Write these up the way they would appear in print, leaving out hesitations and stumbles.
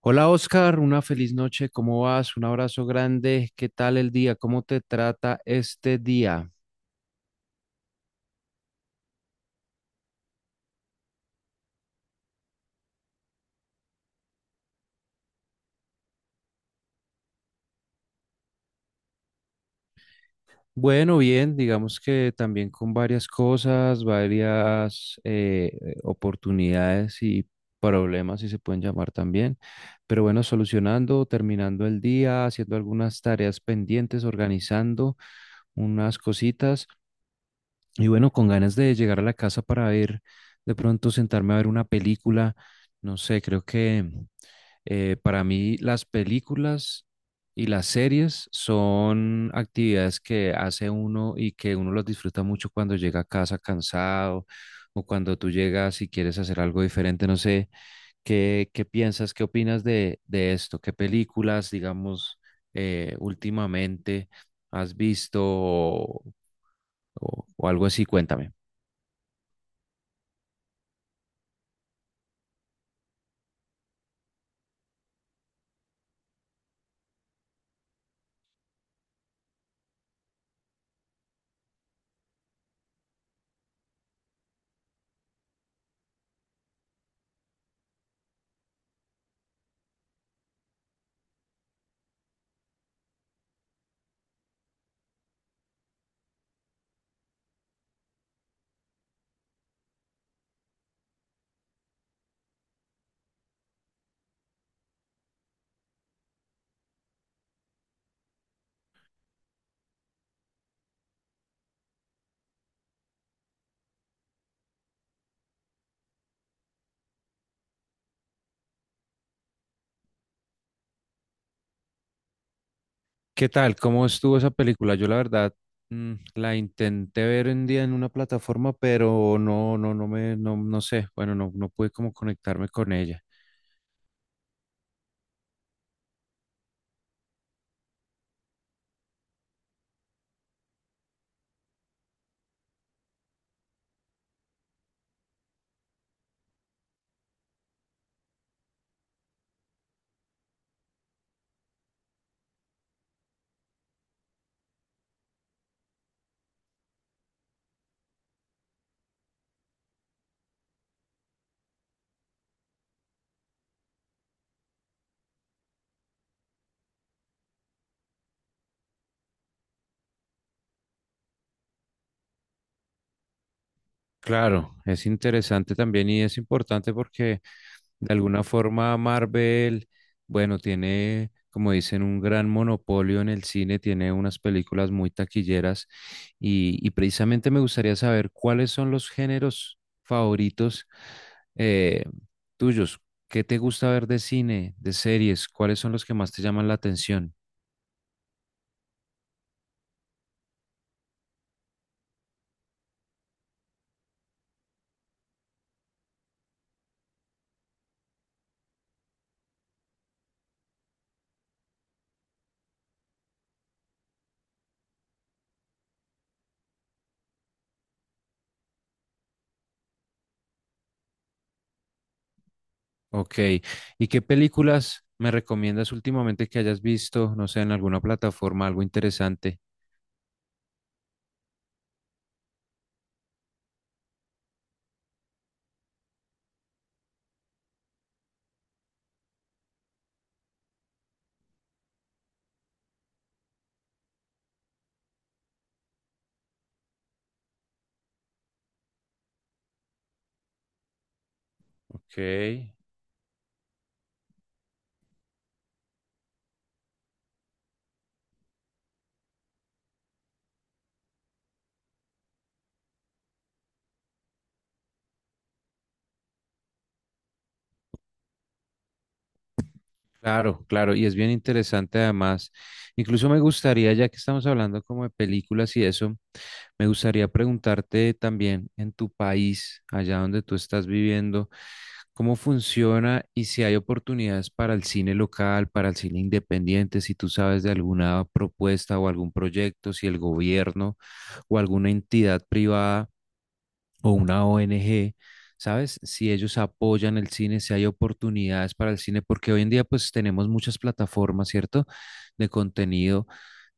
Hola Oscar, una feliz noche, ¿cómo vas? Un abrazo grande, ¿qué tal el día? ¿Cómo te trata este día? Bueno, bien, digamos que también con varias cosas, varias oportunidades y problemas, si se pueden llamar también, pero bueno, solucionando, terminando el día, haciendo algunas tareas pendientes, organizando unas cositas y bueno, con ganas de llegar a la casa para ver, de pronto sentarme a ver una película, no sé, creo que... Para mí, las películas y las series son actividades que hace uno y que uno las disfruta mucho cuando llega a casa cansado o cuando tú llegas y quieres hacer algo diferente. No sé, ¿Qué piensas, qué opinas de esto? ¿Qué películas, digamos, últimamente has visto o algo así? Cuéntame. ¿Qué tal? ¿Cómo estuvo esa película? Yo la verdad la intenté ver un día en una plataforma, pero no sé. Bueno, no pude como conectarme con ella. Claro, es interesante también y es importante porque de alguna forma, Marvel, bueno, tiene, como dicen, un gran monopolio en el cine, tiene unas películas muy taquilleras y precisamente me gustaría saber cuáles son los géneros favoritos eh, tuyos. ¿Qué te gusta ver de cine, de series? ¿Cuáles son los que más te llaman la atención? Ok. ¿Y qué películas me recomiendas últimamente que hayas visto, no sé, en alguna plataforma, algo interesante? Ok. Claro, claro, y es bien interesante además. Incluso me gustaría, ya que estamos hablando como de películas y eso, me gustaría preguntarte también en tu país, allá donde tú estás viviendo, cómo funciona y si hay oportunidades para el cine local, para el cine independiente, si tú sabes de alguna propuesta o algún proyecto, si el gobierno o alguna entidad privada o una ONG, ¿sabes? Si ellos apoyan el cine, si hay oportunidades para el cine, porque hoy en día pues tenemos muchas plataformas, ¿cierto? De contenido,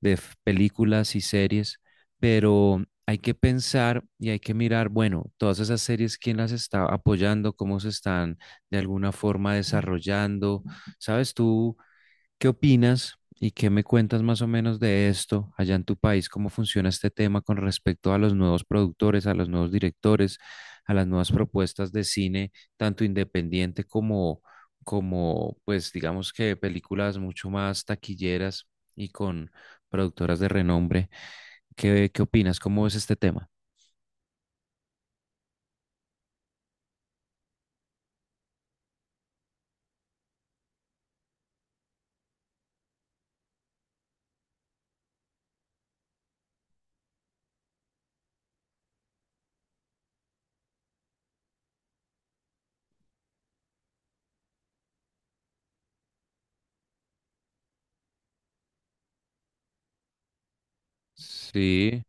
de películas y series, pero hay que pensar y hay que mirar, bueno, todas esas series, quién las está apoyando, cómo se están de alguna forma desarrollando, ¿sabes? Tú, ¿qué opinas y qué me cuentas más o menos de esto allá en tu país? ¿Cómo funciona este tema con respecto a los nuevos productores, a los nuevos directores, a las nuevas propuestas de cine, tanto independiente como, como pues digamos que películas mucho más taquilleras y con productoras de renombre? ¿Qué opinas? ¿Cómo es este tema? Sí,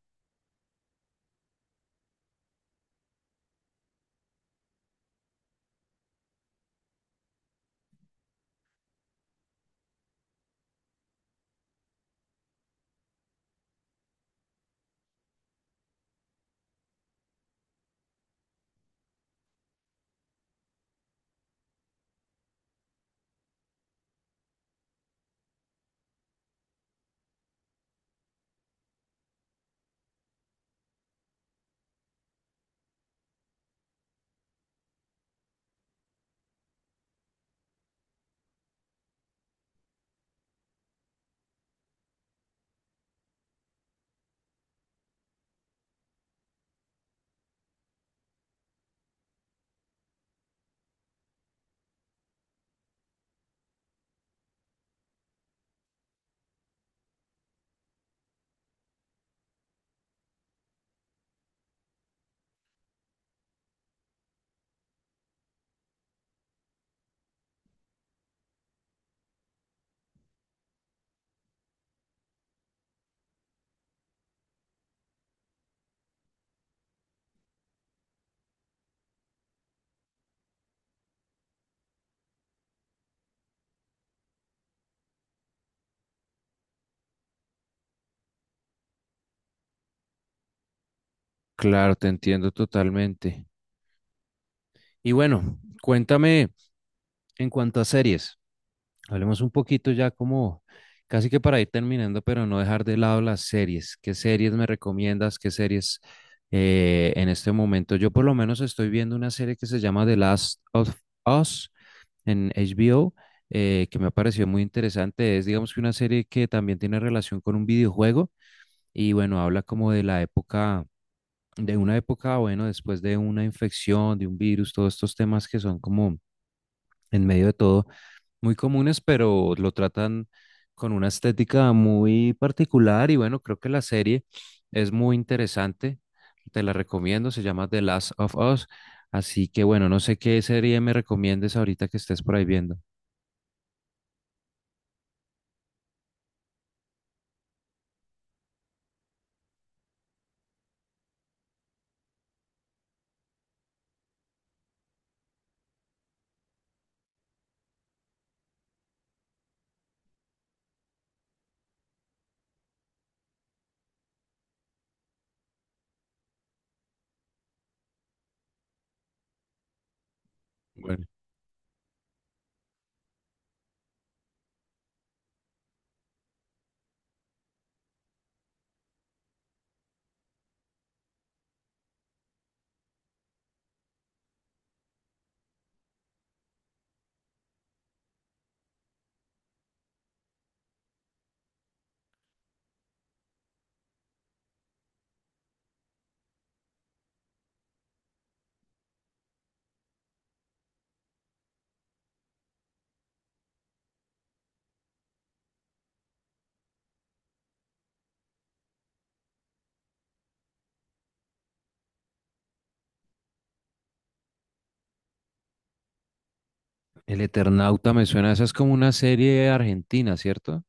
claro, te entiendo totalmente. Y bueno, cuéntame en cuanto a series. Hablemos un poquito ya como casi que para ir terminando, pero no dejar de lado las series. ¿Qué series me recomiendas? ¿Qué series en este momento? Yo por lo menos estoy viendo una serie que se llama The Last of Us en HBO, que me ha parecido muy interesante. Es digamos que una serie que también tiene relación con un videojuego y bueno, habla como de la época, de una época, bueno, después de una infección, de un virus, todos estos temas que son como en medio de todo muy comunes, pero lo tratan con una estética muy particular y bueno, creo que la serie es muy interesante. Te la recomiendo, se llama The Last of Us. Así que bueno, no sé qué serie me recomiendes ahorita que estés por ahí viendo. Bueno, El Eternauta me suena, esa es como una serie argentina, ¿cierto?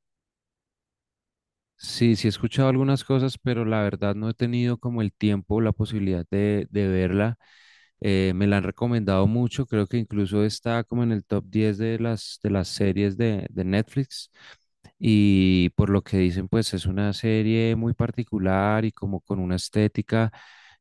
Sí, sí he escuchado algunas cosas, pero la verdad no he tenido como el tiempo, la posibilidad de verla. Me la han recomendado mucho, creo que incluso está como en el top 10 de de las series de Netflix. Y por lo que dicen, pues es una serie muy particular y como con una estética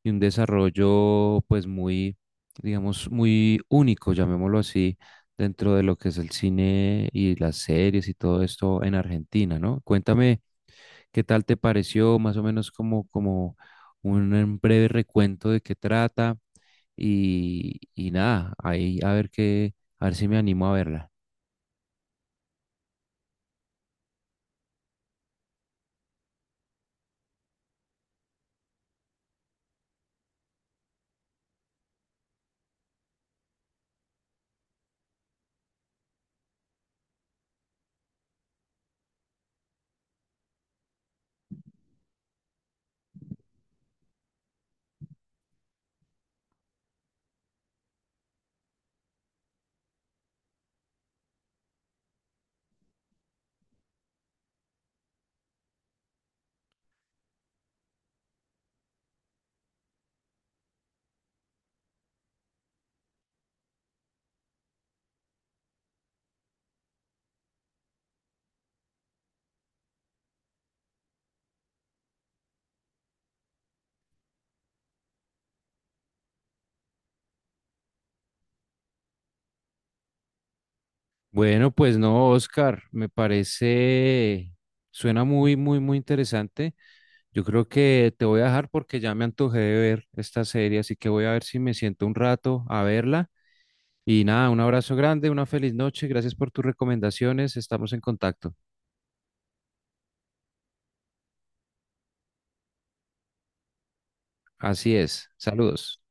y un desarrollo pues muy, digamos, muy único, llamémoslo así, dentro de lo que es el cine y las series y todo esto en Argentina, ¿no? Cuéntame, ¿qué tal te pareció? Más o menos como, como un breve recuento de qué trata y nada, ahí a ver qué, a ver si me animo a verla. Bueno, pues no, Oscar, me parece, suena muy, muy, muy interesante. Yo creo que te voy a dejar porque ya me antojé de ver esta serie, así que voy a ver si me siento un rato a verla. Y nada, un abrazo grande, una feliz noche, gracias por tus recomendaciones, estamos en contacto. Así es, saludos.